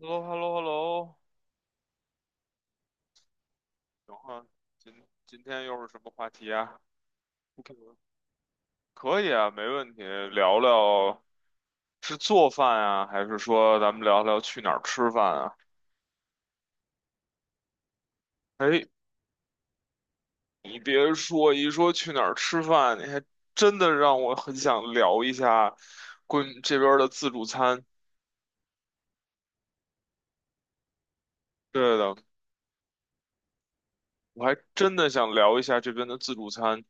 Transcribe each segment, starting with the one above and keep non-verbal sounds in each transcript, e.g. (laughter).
Hello Hello Hello。 然后今今天又是什么话题啊？OK，可以啊，没问题。聊聊是做饭啊，还是说咱们聊聊去哪儿吃饭啊？哎，你别说，一说去哪儿吃饭，你还真的让我很想聊一下关于这边儿的自助餐。对的，我还真的想聊一下这边的自助餐。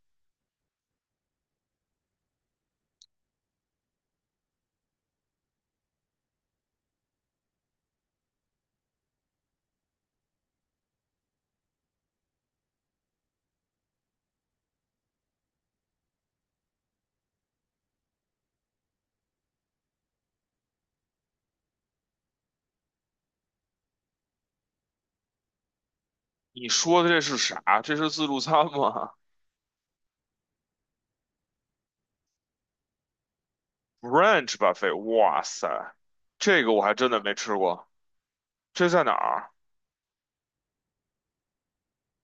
你说的这是啥？这是自助餐吗？Brunch buffet，哇塞，这个我还真的没吃过。这在哪儿？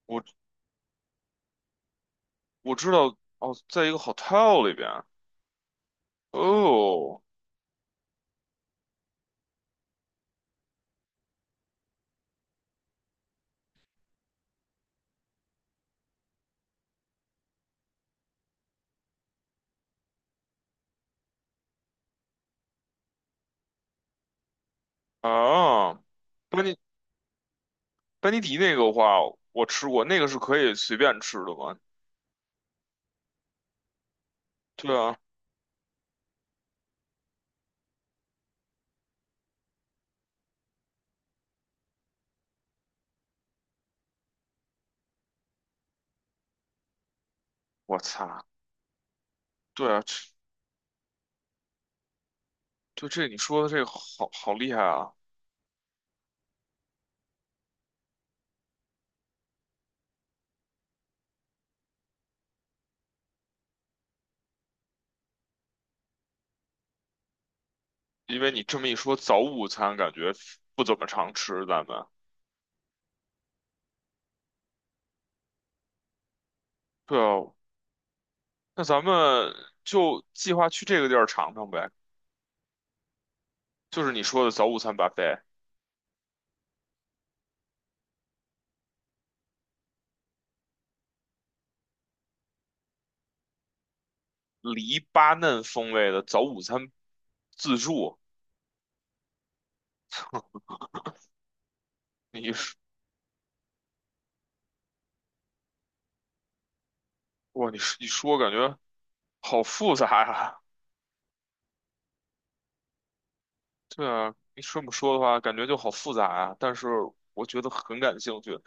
我我知道哦，在一个 hotel 里边。哦啊，班尼班尼迪那个的话，我吃过，那个是可以随便吃的吗？对啊，我擦，对啊，就这你说的这个好厉害啊！因为你这么一说，早午餐感觉不怎么常吃，咱们。对啊，那咱们就计划去这个地儿尝尝呗，就是你说的早午餐 buffet，黎巴嫩风味的早午餐自助。你 (laughs) 哇，你说一说，感觉好复杂呀。对啊，你这么说的话，感觉就好复杂啊。但是我觉得很感兴趣。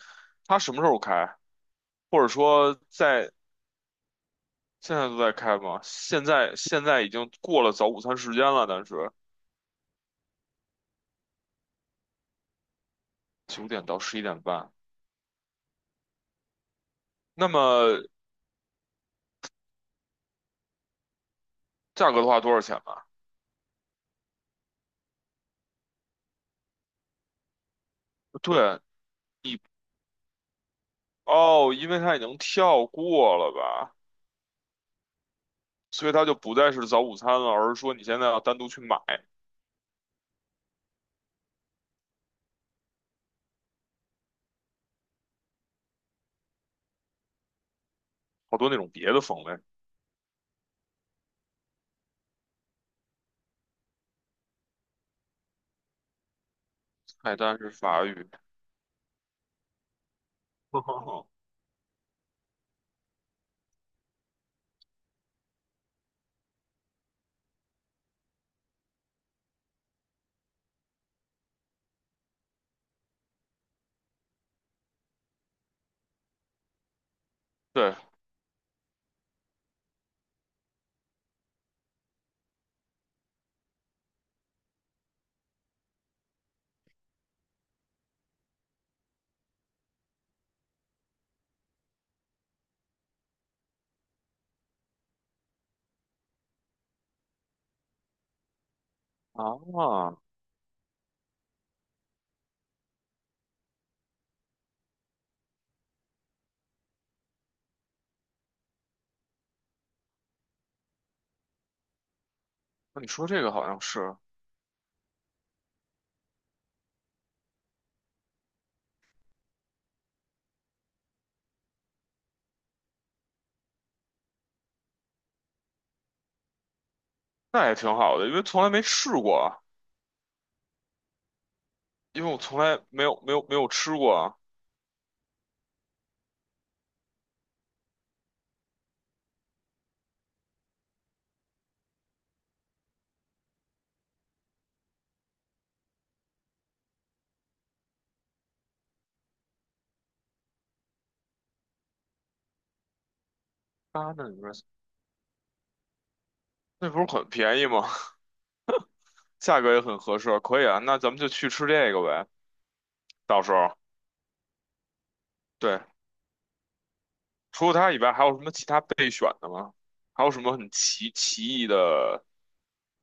它什么时候开？或者说在现在都在开吗？现在已经过了早午餐时间了，但是9点到11点半。那么价格的话，多少钱吧？对，你哦，因为它已经跳过了吧，所以它就不再是早午餐了，而是说你现在要单独去买好多那种别的风味菜单是法语。(laughs) 对啊，那你说这个好像是，那也挺好的，因为从来没试过啊，因为我从来没有吃过啊。啊，那你说那不是很便宜吗？(laughs) 价格也很合适，可以啊。那咱们就去吃这个呗，到时候对。除了它以外，还有什么其他备选的吗？还有什么很奇异的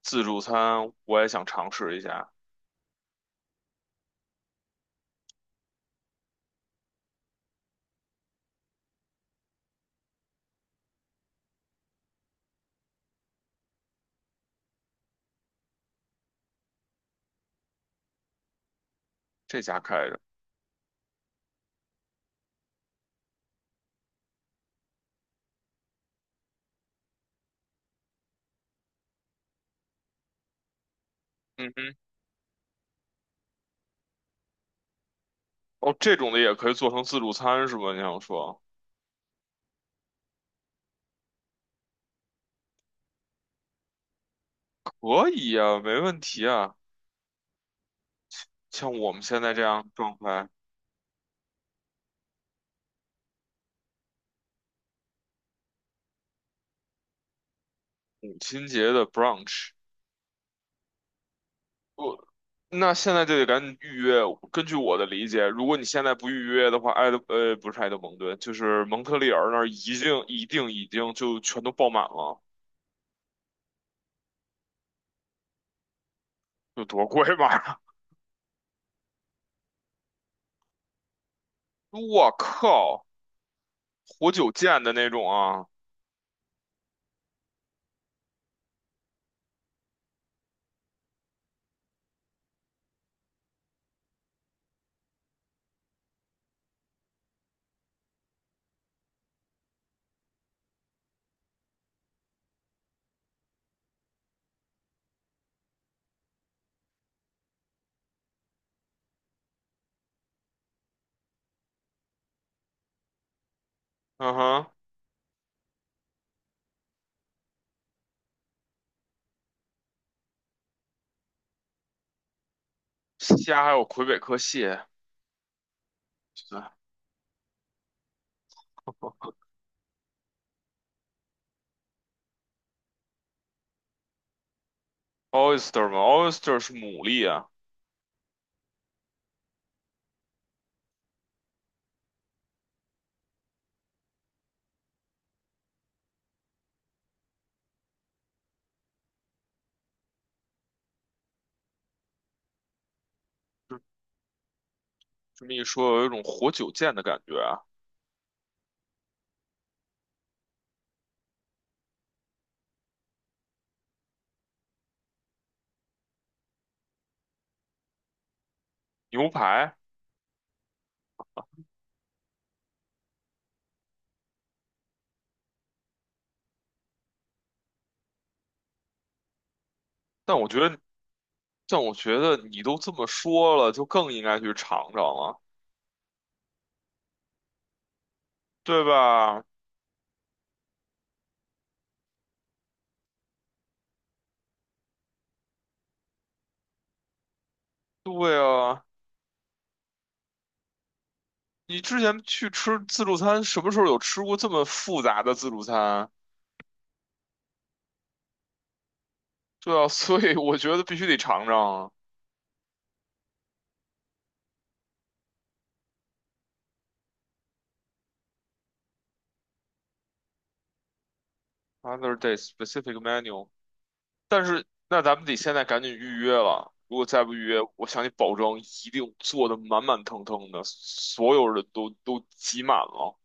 自助餐？我也想尝试一下。这家开着，嗯哼，哦，这种的也可以做成自助餐是吧？你想说？可以呀，没问题啊。像我们现在这样的状态，母亲节的 brunch，那现在就得赶紧预约。根据我的理解，如果你现在不预约的话，不是埃德蒙顿，就是蒙特利尔那儿已经一定已经就全都爆满了，有多贵吧？(laughs) 我靠，活久见的那种啊，嗯哼，虾还有魁北克蟹，对，oyster 嘛，oyster 是牡蛎啊，就这么一说，有一种活久见的感觉啊，牛排。但我觉得但我觉得你都这么说了，就更应该去尝尝了，对吧？对啊，你之前去吃自助餐，什么时候有吃过这么复杂的自助餐？对啊，(laughs) 所以我觉得必须得尝尝啊。Other day specific menu，但是那咱们得现在赶紧预约了。如果再不预约，我向你保证，一定做的满满腾腾的，所有人都挤满了。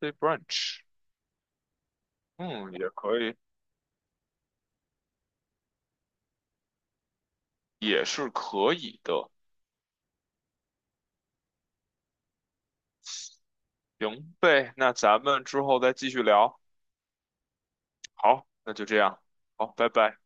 Day brunch，嗯，也可以，也是可以的。行呗，那咱们之后再继续聊。好，那就这样，好，拜拜。